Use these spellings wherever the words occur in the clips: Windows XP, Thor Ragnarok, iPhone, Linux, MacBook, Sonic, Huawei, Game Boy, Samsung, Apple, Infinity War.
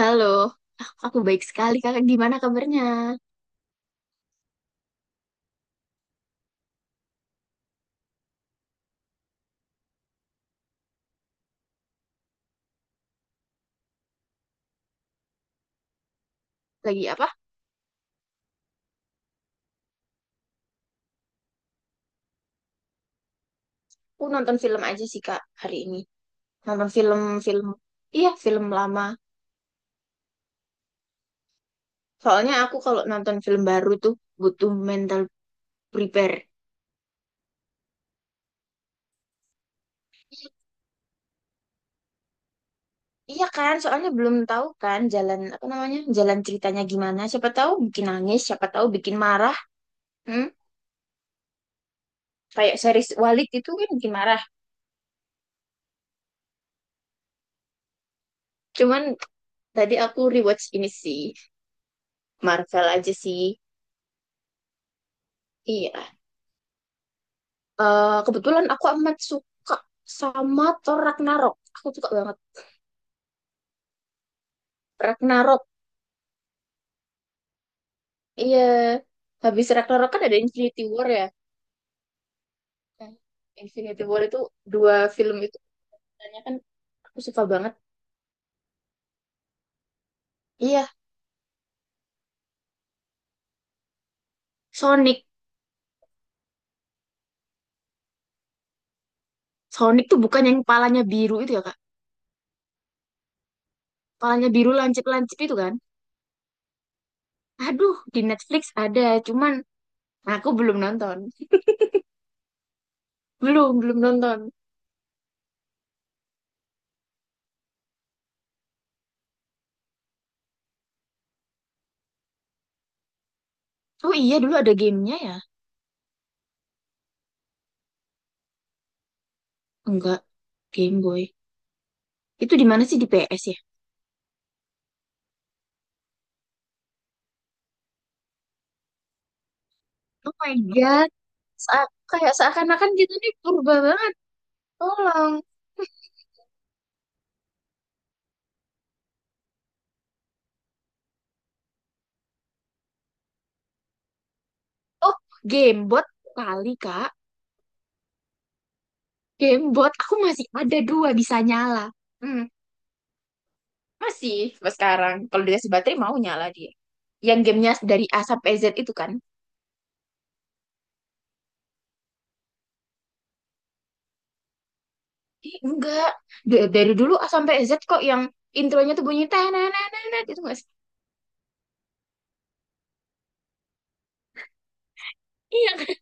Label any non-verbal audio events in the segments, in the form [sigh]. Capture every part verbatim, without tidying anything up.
Halo, aku baik sekali kakak. Gimana kabarnya? Lagi apa? Aku nonton film aja sih kak hari ini. Nonton film-film, iya film lama. Soalnya aku kalau nonton film baru tuh butuh mental prepare. I- Iya kan, soalnya belum tahu kan jalan apa namanya, jalan ceritanya gimana. Siapa tahu bikin nangis, siapa tahu bikin marah. Hmm? Kayak series Walid itu kan bikin marah. Cuman tadi aku rewatch ini sih, Marvel aja sih. Iya. Eh, kebetulan aku amat suka sama Thor Ragnarok. Aku suka banget Ragnarok. Iya, habis Ragnarok kan ada Infinity War ya. Nah, Infinity War itu dua film itu sebenarnya kan aku suka banget. Iya, Sonic. Sonic tuh bukan yang kepalanya biru itu ya, Kak. Kepalanya biru lancip-lancip itu kan. Aduh, di Netflix ada, cuman aku belum nonton. Belum, belum nonton. Oh iya, dulu ada gamenya ya? Enggak, Game Boy. Itu di mana sih di P S ya? Oh my God. sa Kayak seakan-akan kita nih purba banget. Tolong. Oh, gamebot kali, Kak. Gamebot. Aku masih ada dua bisa nyala. Hmm, masih sampai sekarang. Kalau dikasih baterai mau nyala dia. Yang gamenya dari A sampai Z itu kan. Eh, enggak. Da- dari dulu A sampai Z kok yang intronya tuh bunyi tananananan itu enggak sih? Iya kan?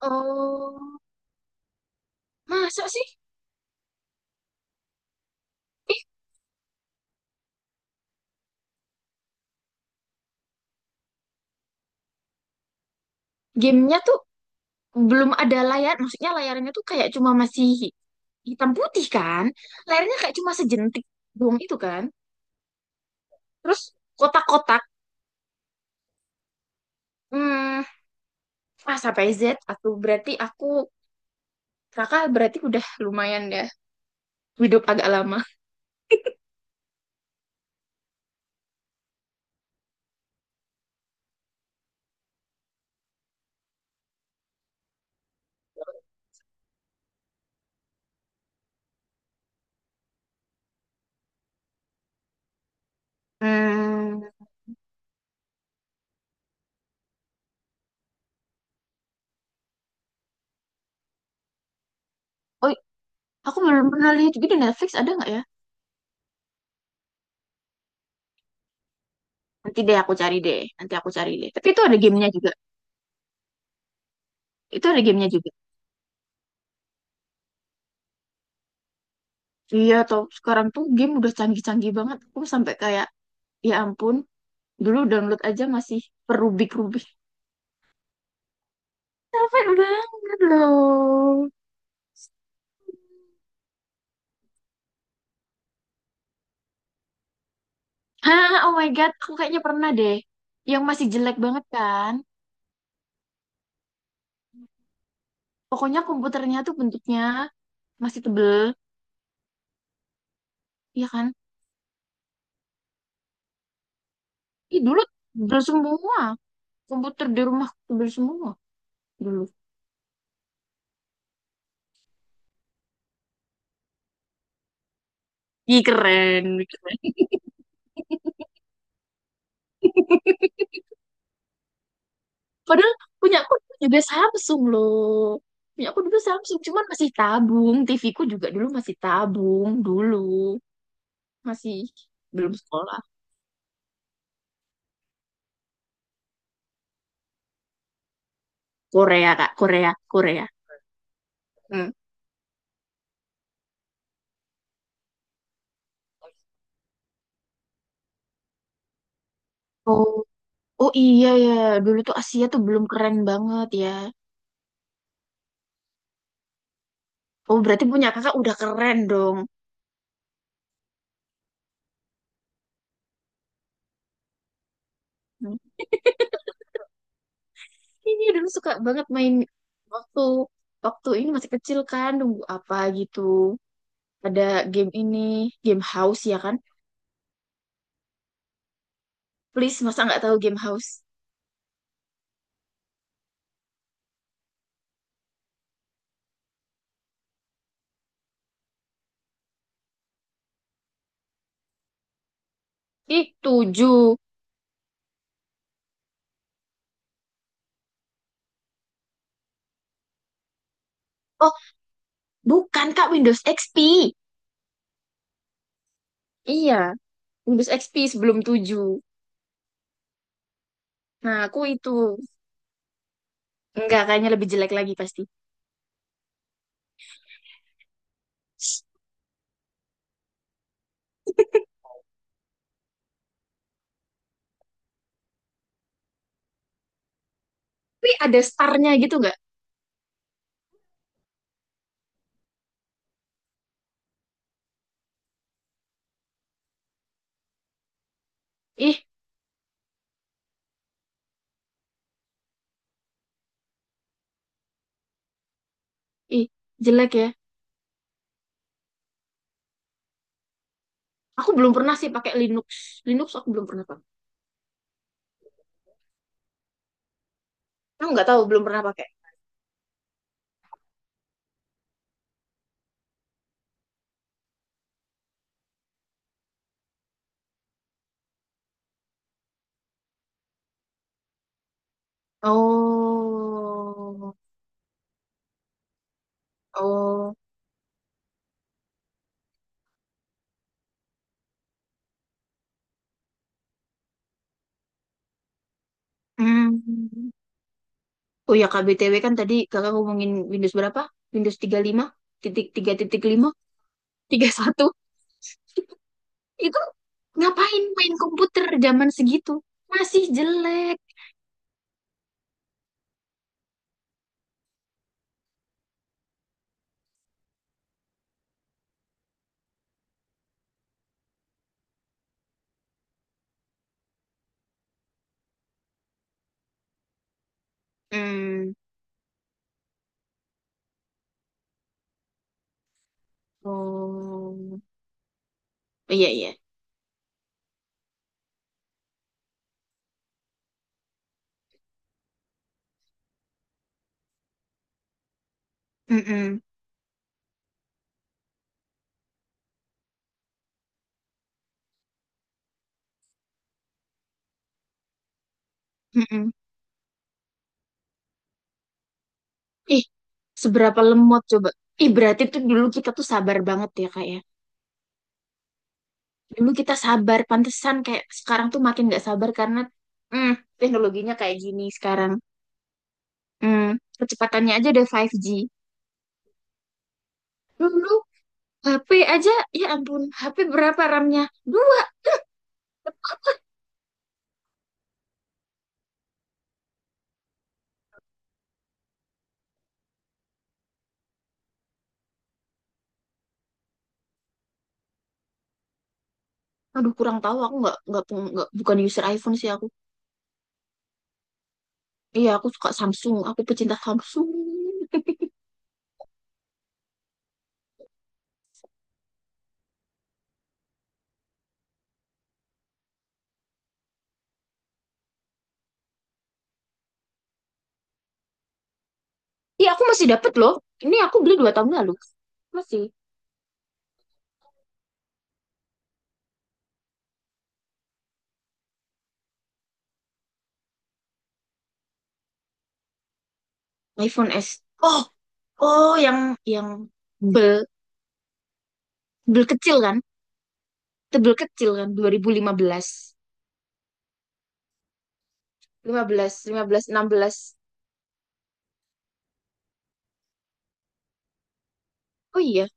Oh, masa sih? Ih, gamenya tuh belum ada layar. Maksudnya layarnya tuh kayak cuma masih hitam putih kan, layarnya kayak cuma sejentik doang itu kan, terus kotak-kotak. Hmm, A sampai Z, aku berarti aku Raka berarti udah lumayan ya, hidup agak lama. Hmm. Oh, aku belum pernah lihat juga, di Netflix ada nggak ya? Nanti deh aku cari deh, nanti aku cari deh, tapi itu ada gamenya juga. Itu ada gamenya juga. Iya, tau sekarang tuh game udah canggih-canggih banget, aku sampai kayak ya ampun, dulu download aja masih perubik-rubik, capek banget loh. Hah, oh my God, aku kayaknya pernah deh. Yang masih jelek banget kan. Pokoknya komputernya tuh bentuknya masih tebel, iya kan? Ih, dulu tebel semua. Komputer di rumah tebel semua dulu. Ih, keren, keren. Padahal punya aku juga Samsung loh. Punya aku dulu Samsung, cuman masih tabung. T V ku juga dulu masih tabung, dulu. Masih belum sekolah. Korea, Kak. Korea, Korea. Hmm. Oh iya ya, dulu tuh Asia tuh belum keren banget ya. Oh berarti punya kakak udah keren dong. Hmm. Iya dulu suka banget main waktu waktu ini masih kecil kan, nunggu apa gitu. Ada game ini, game house ya kan? Please masa nggak tahu game house? Ih tujuh. Oh bukan kak, Windows X P. Iya, Windows X P sebelum tujuh. Nah aku itu enggak, kayaknya lebih jelek lagi pasti. Tapi ada starnya gitu nggak? Ih, ih jelek ya. Aku belum pernah sih pakai Linux. Linux aku belum pernah pakai. Aku nggak tahu, belum pernah pakai. Oh, oh, hmm. Oh ya K B T W, kan tadi kakak ngomongin Windows berapa? Windows tiga puluh lima titik tiga titik lima, satu. Itu ngapain main komputer zaman segitu? Masih jelek. Hmm. Oh, iya iya. Mm-mm. Mm-mm. Ih, seberapa lemot coba. Ih, berarti tuh dulu kita tuh sabar banget ya kak ya. Dulu kita sabar, pantesan kayak sekarang tuh makin nggak sabar karena mm, teknologinya kayak gini sekarang. Mm, kecepatannya aja udah lima G. Dulu H P aja, ya ampun, H P berapa RAM-nya? Dua. Aduh, kurang tahu. Aku nggak nggak peng- nggak bukan user iPhone sih aku. Iya, aku suka Samsung. Aku pecinta Samsung. Iya, aku masih dapet loh. Ini aku beli dua tahun lalu. Masih iPhone S. Oh, oh, yang yang bel bel kecil kan? Tebel kecil kan? Dua ribu lima belas, lima, lima belas, lima belas, enam belas. Oh iya.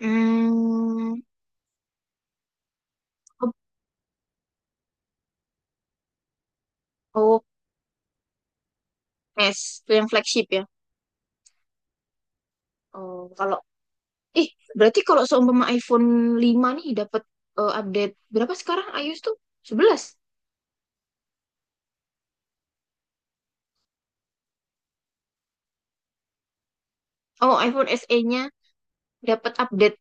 Hmm, oh, oh, S, itu yang flagship ya. Oh, kalau ih, berarti kalau seumpama iPhone lima nih dapat eh, update berapa sekarang iOS tuh? Sebelas. Oh, iPhone S E-nya dapat update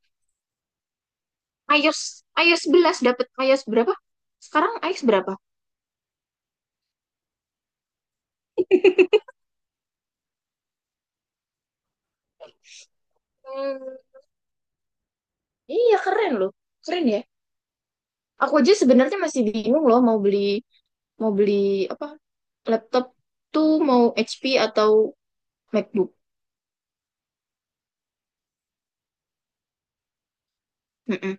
iOS iOS sebelas dapat iOS berapa? Sekarang iOS berapa? Hmm, iya keren loh. Keren ya. Aku aja sebenarnya masih bingung loh mau beli mau beli apa? Laptop tuh mau H P atau MacBook. Mm-mm,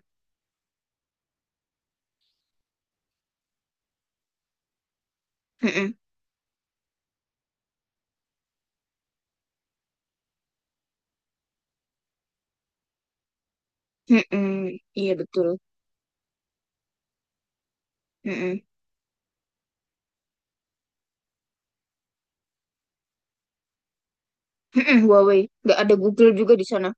mm-mm, mm-mm. Iya betul. Mm-mm, mm-mm, Huawei. Nggak ada Google juga di sana.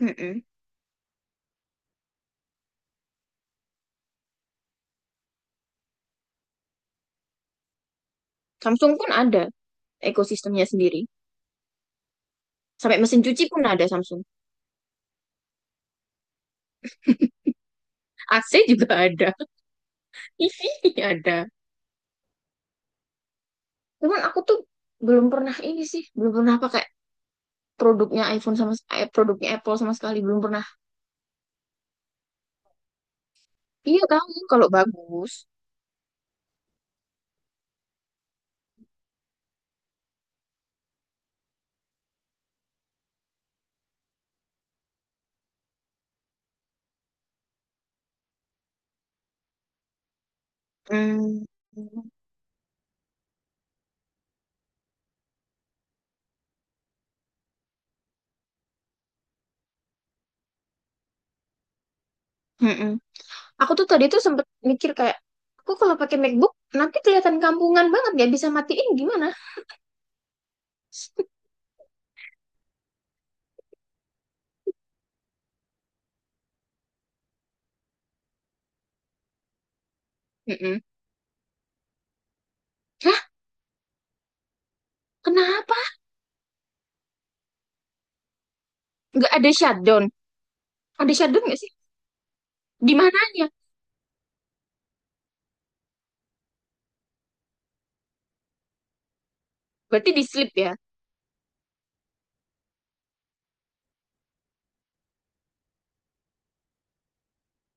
Mm-mm. Samsung pun ada ekosistemnya sendiri. Sampai mesin cuci pun ada Samsung. A C juga ada. [laughs] T V ada. Cuman aku tuh belum pernah ini sih. Belum pernah pakai produknya iPhone sama eh, produknya Apple sama sekali. Belum pernah. Iya tahu kalau bagus. Hmm. Mm-mm. Aku tuh tadi tuh sempet mikir kayak, aku kalau pakai MacBook nanti kelihatan kampungan banget, nggak bisa matiin gimana? Mm-mm. Hah? Kenapa? Nggak ada shutdown? Ada shutdown nggak sih? Di mananya? Berarti di sleep ya?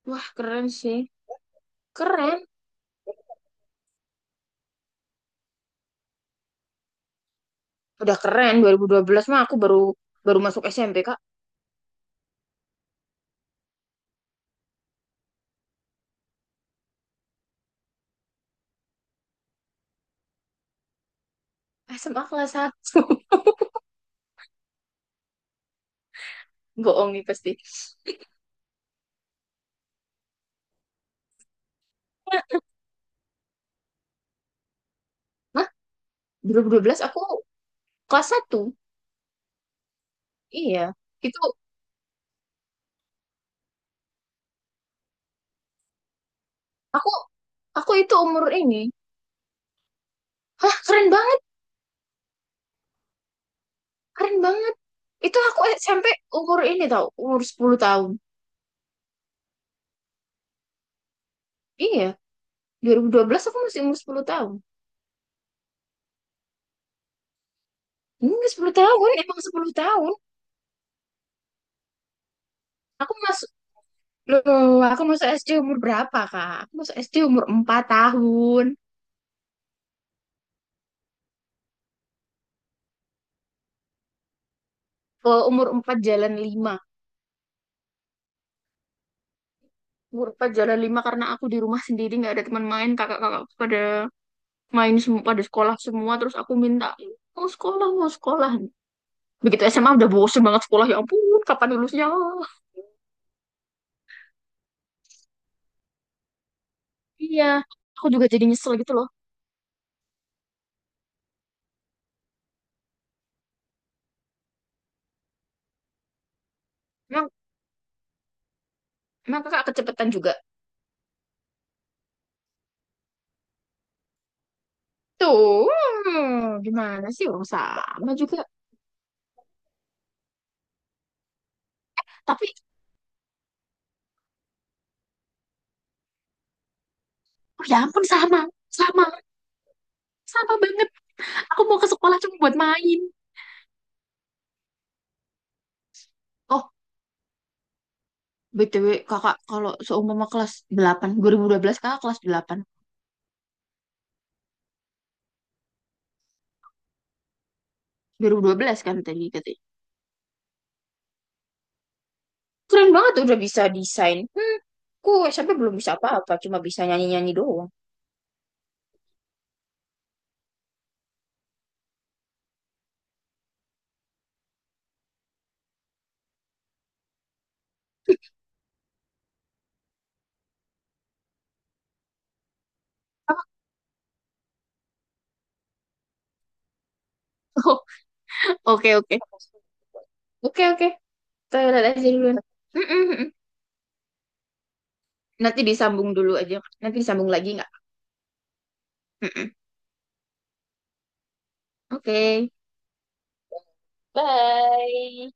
Wah, keren sih. Keren. Udah keren. dua ribu dua belas mah aku baru baru masuk S M P, Kak. S M A kelas satu, [laughs] bohong nih pasti. Hah? dua ribu dua belas aku kelas satu. Iya. Itu aku aku itu umur ini. Hah, keren banget. Keren banget. Itu aku S M P umur ini tau. Umur sepuluh tahun. Iya. dua ribu dua belas aku masih umur sepuluh tahun. Enggak sepuluh tahun, emang sepuluh tahun. Aku masuk, loh, aku masuk S D umur berapa, Kak? Aku masuk S D umur empat tahun. Oh, umur empat jalan lima. Umur empat jalan lima karena aku di rumah sendiri nggak ada teman main, kakak-kakak pada main semua, pada sekolah semua, terus aku minta mau sekolah, mau sekolah. Begitu S M A udah bosen banget sekolah, ya ampun, kapan lulusnya? Iya, aku juga jadi nyesel gitu loh. Emang, emang kakak kecepetan juga. Tuh, hmm, gimana sih orang sama juga. Tapi oh ya ampun, sama, sama, sama banget. Aku mau ke sekolah cuma buat main. Oh, B T W kakak kalau seumpama kelas delapan, dua ribu dua belas, kakak kelas delapan dua ribu dua belas kan tadi katanya. Keren banget udah bisa desain. Hmm, ku S M P belum bisa apa-apa, cuma bisa nyanyi-nyanyi doang. Oh, oke oke. Oke, oke. Toilet aja dulu. Mm-mm. Nanti disambung dulu aja. Nanti disambung lagi nggak? Mm-mm. Oke. Bye.